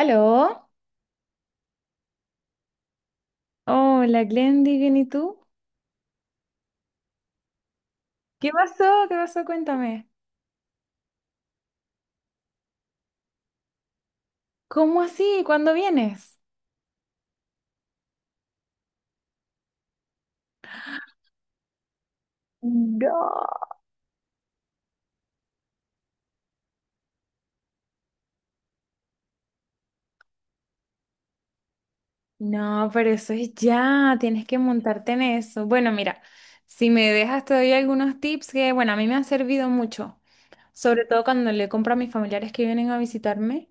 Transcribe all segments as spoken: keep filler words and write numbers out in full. ¿Aló? Hola, Glendy, ¿bien y tú? ¿Qué pasó? ¿Qué pasó? Cuéntame. ¿Cómo así? ¿Cuándo vienes? No. No, pero eso es ya, tienes que montarte en eso. Bueno, mira, si me dejas te doy algunos tips que, bueno, a mí me han servido mucho, sobre todo cuando le compro a mis familiares que vienen a visitarme.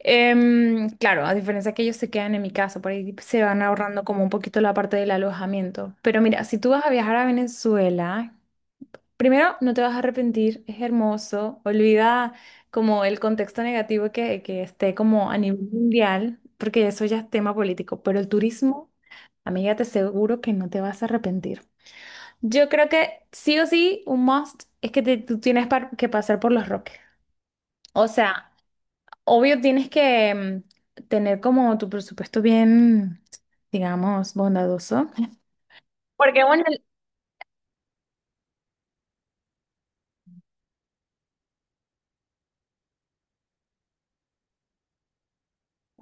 Em, claro, a diferencia que ellos se quedan en mi casa, por ahí se van ahorrando como un poquito la parte del alojamiento. Pero mira, si tú vas a viajar a Venezuela, primero, no te vas a arrepentir, es hermoso. Olvida como el contexto negativo que, que esté como a nivel mundial, porque eso ya es tema político. Pero el turismo, amiga, te aseguro que no te vas a arrepentir. Yo creo que sí o sí, un must es que te- tú tienes par- que pasar por Los Roques. O sea, obvio tienes que mm, tener como tu presupuesto bien, digamos, bondadoso. Porque bueno,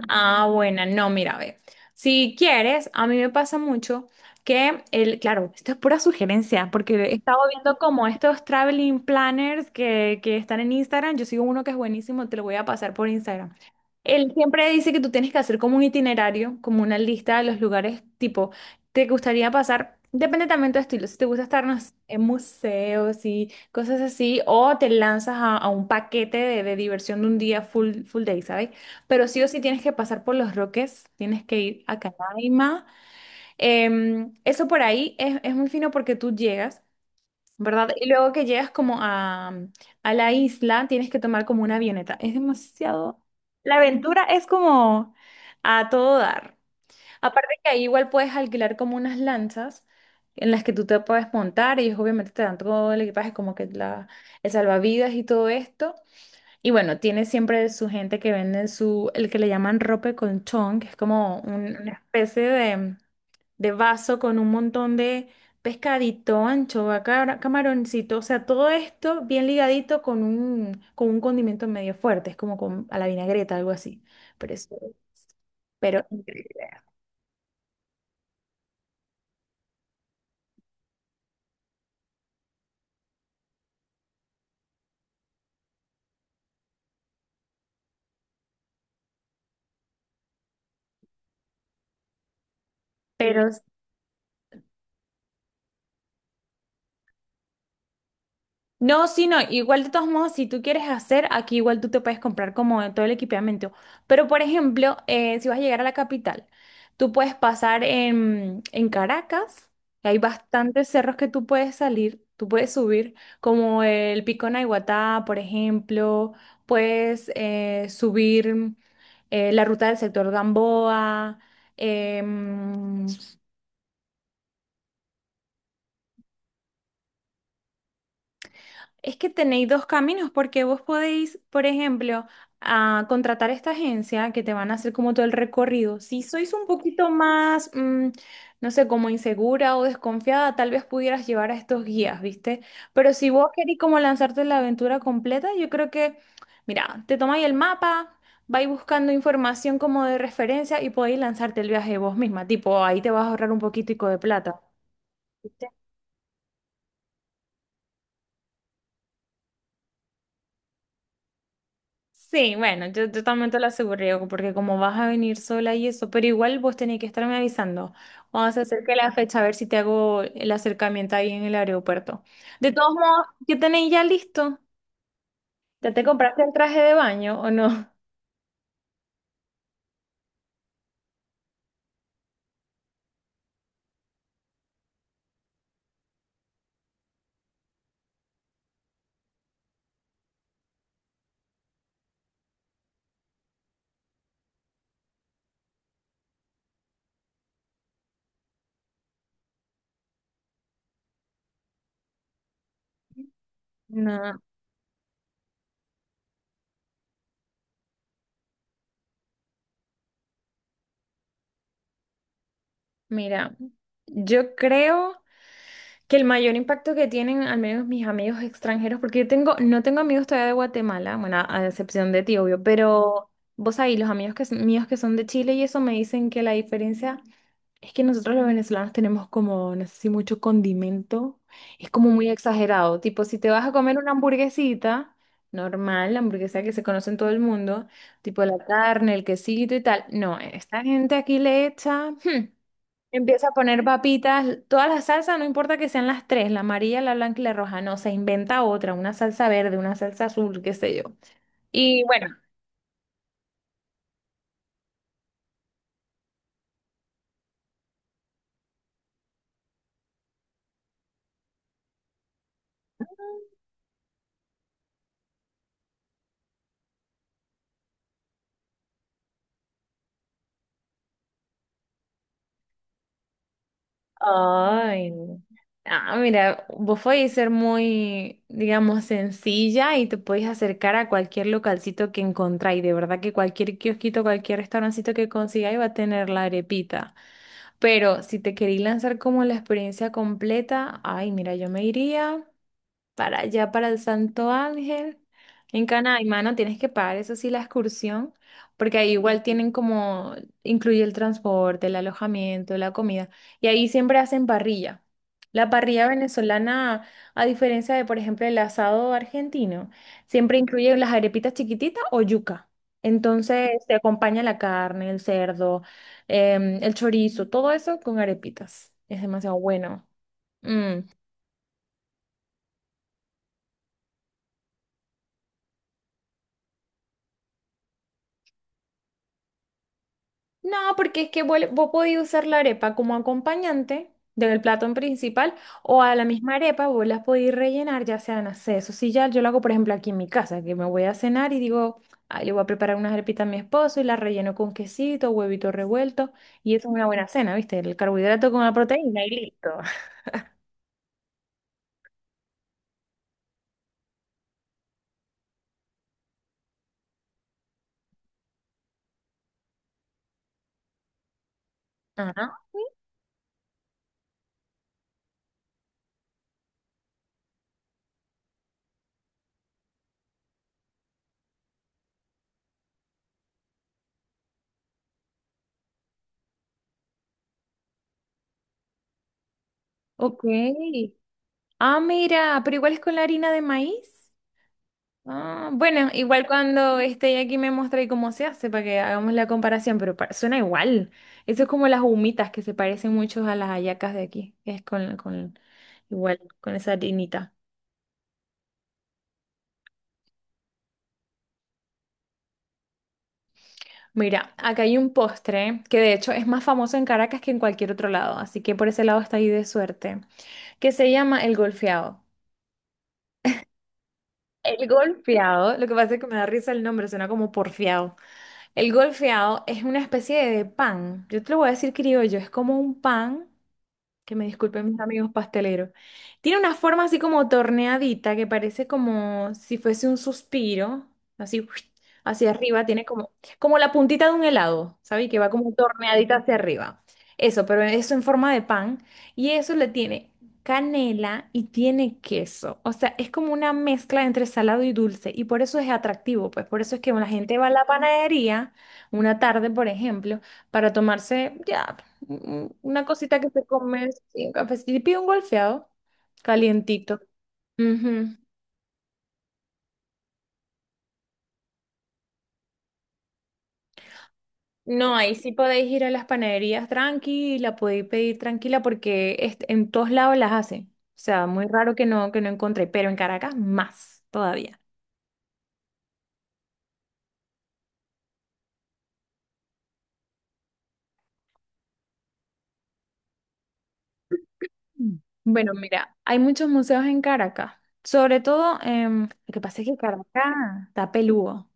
ah, buena, no, mira, ve. Si quieres, a mí me pasa mucho que el, claro, esto es pura sugerencia, porque he estado viendo como estos traveling planners que, que están en Instagram. Yo sigo uno que es buenísimo, te lo voy a pasar por Instagram. Él siempre dice que tú tienes que hacer como un itinerario, como una lista de los lugares, tipo, te gustaría pasar, depende también de tu estilo, si te gusta estar no sé, en museos y cosas así, o te lanzas a, a un paquete de, de diversión de un día full, full day, ¿sabes? Pero sí o sí tienes que pasar por Los Roques, tienes que ir a Canaima. Em, eso por ahí es, es muy fino porque tú llegas, ¿verdad? Y luego que llegas como a, a la isla, tienes que tomar como una avioneta. Es demasiado... La aventura es como a todo dar. Aparte que ahí igual puedes alquilar como unas lanchas en las que tú te puedes montar y ellos obviamente te dan todo el equipaje como que la, el salvavidas y todo esto. Y bueno, tiene siempre su gente que vende su, el que le llaman rope con chon, que es como un- una especie de, de vaso con un montón de pescadito, anchoa, cara- camaroncito, o sea, todo esto bien ligadito con un, con un condimento medio fuerte, es como con, a la vinagreta, algo así. Pero, es- pero, pero, No, sí, no, igual de todos modos, si tú quieres hacer, aquí igual tú te puedes comprar como todo el equipamiento. Pero, por ejemplo, eh, si vas a llegar a la capital, tú puedes pasar en, en Caracas, que hay bastantes cerros que tú puedes salir, tú puedes subir, como el Pico Naiguatá, por ejemplo, puedes eh, subir eh, la ruta del sector Gamboa. em, Es que tenéis dos caminos porque vos podéis, por ejemplo, a contratar a esta agencia que te van a hacer como todo el recorrido. Si sois un poquito más, mm, no sé, como insegura o desconfiada, tal vez pudieras llevar a estos guías, ¿viste? Pero si vos querés como lanzarte en la aventura completa, yo creo que, mira, te tomáis el mapa, vais buscando información como de referencia y podéis lanzarte el viaje vos misma. Tipo, ahí te vas a ahorrar un poquitico de plata. Sí, bueno, yo, yo también te lo aseguro, porque como vas a venir sola y eso, pero igual vos tenés que estarme avisando cuando se acerque la fecha, a ver si te hago el acercamiento ahí en el aeropuerto. De todos modos, ¿qué tenéis ya listo? ¿Ya te compraste el traje de baño o no? No, mira, yo creo que el mayor impacto que tienen, al menos mis amigos extranjeros, porque yo tengo, no tengo amigos todavía de Guatemala, bueno, a a excepción de ti, obvio, pero vos ahí, los amigos que, s- míos que son de Chile y eso me dicen que la diferencia es que nosotros los venezolanos tenemos como, no sé si mucho condimento, es como muy exagerado, tipo si te vas a comer una hamburguesita, normal, la hamburguesa que se conoce en todo el mundo, tipo la carne, el quesito y tal, no, esta gente aquí le echa, hmm, empieza a poner papitas, todas las salsas, no importa que sean las tres, la amarilla, la blanca y la roja, no, se inventa otra, una salsa verde, una salsa azul, qué sé yo. Y bueno, ay, no. Ah, mira, vos podés ser muy, digamos, sencilla y te podés acercar a cualquier localcito que encontráis. De verdad que cualquier kiosquito, cualquier restaurancito que consigáis va a tener la arepita. Pero si te queréis lanzar como la experiencia completa, ay, mira, yo me iría para allá, para el Santo Ángel. En Canaima, mano, tienes que pagar eso sí la excursión, porque ahí igual tienen como, incluye el transporte, el alojamiento, la comida, y ahí siempre hacen parrilla. La parrilla venezolana, a diferencia de, por ejemplo, el asado argentino, siempre incluye las arepitas chiquititas o yuca. Entonces se acompaña la carne, el cerdo, em, el chorizo, todo eso con arepitas. Es demasiado bueno. Mm. No, porque es que vuel- vos podés usar la arepa como acompañante del plato principal o a la misma arepa vos las podés rellenar, ya sea, no sé, eso sí, ya yo lo hago, por ejemplo, aquí en mi casa, que me voy a cenar y digo, "Ay, le voy a preparar unas arepitas a mi esposo y las relleno con quesito, huevito revuelto y eso es una buena cena, ¿viste? El carbohidrato con la proteína y listo. Ajá, ok. Ah, mira, pero igual es con la harina de maíz. Ah, bueno, igual cuando esté aquí me mostré cómo se hace para que hagamos la comparación, pero pa- suena igual. Eso es como las humitas que se parecen mucho a las hallacas de aquí, que es con, con igual, con esa harinita. Mira, acá hay un postre que de hecho es más famoso en Caracas que en cualquier otro lado, así que por ese lado está ahí de suerte, que se llama el golfeado. El golfeado, lo que pasa es que me da risa el nombre, suena como porfiado. El golfeado es una especie de pan. Yo te lo voy a decir criollo, es como un pan. Que me disculpen mis amigos pasteleros. Tiene una forma así como torneadita que parece como si fuese un suspiro, así ¡uish! Hacia arriba, tiene como, como la puntita de un helado, ¿sabes? Que va como torneadita hacia arriba. Eso, pero eso en forma de pan. Y eso le tiene canela y tiene queso. O sea, es como una mezcla entre salado y dulce. Y por eso es atractivo, pues por eso es que la gente va a la panadería una tarde, por ejemplo, para tomarse ya mm, una cosita que te comes, sí, un cafecito, y pido un golfeado calientito. Ujú. No, ahí sí podéis ir a las panaderías tranquila, podéis pedir tranquila porque este- en todos lados las hacen. O sea, muy raro que no, que no encontré, pero en Caracas más todavía. Mm. Bueno, mira, hay muchos museos en Caracas, sobre todo, em, lo que pasa es que Caracas está peludo.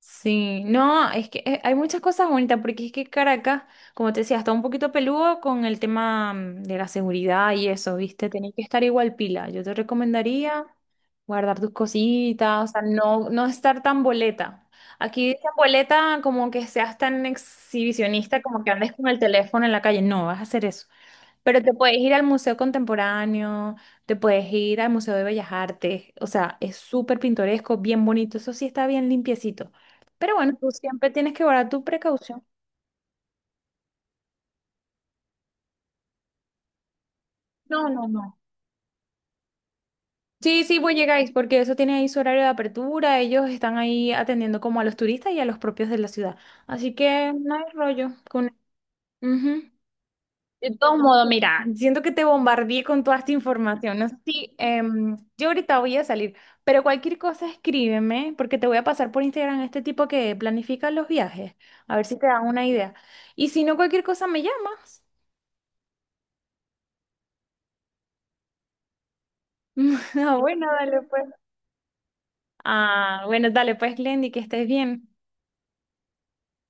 Sí, no, es que eh, hay muchas cosas bonitas, porque es que Caracas, como te decía, está un poquito peludo con el tema mm, de la seguridad y eso, ¿viste? Tenés que estar igual pila. Yo te recomendaría guardar tus cositas, o sea, no, no estar tan boleta. Aquí dicen boleta como que seas tan exhibicionista, como que andes con el teléfono en la calle. No, vas a hacer eso. Pero te puedes ir al Museo Contemporáneo, te puedes ir al Museo de Bellas Artes, o sea, es súper pintoresco, bien bonito, eso sí está bien limpiecito. Pero bueno, tú siempre tienes que guardar tu precaución. No, no, no. Sí, sí, pues llegáis, porque eso tiene ahí su horario de apertura, ellos están ahí atendiendo como a los turistas y a los propios de la ciudad. Así que no hay rollo con... Ujú. De todos modos, mira, siento que te bombardeé con toda esta información. No sé si em, yo ahorita voy a salir, pero cualquier cosa escríbeme, porque te voy a pasar por Instagram este tipo que planifica los viajes, a ver si te dan una idea. Y si no, cualquier cosa me llamas. Ah, bueno, dale pues. Ah, bueno, dale pues, Glendy, que estés bien.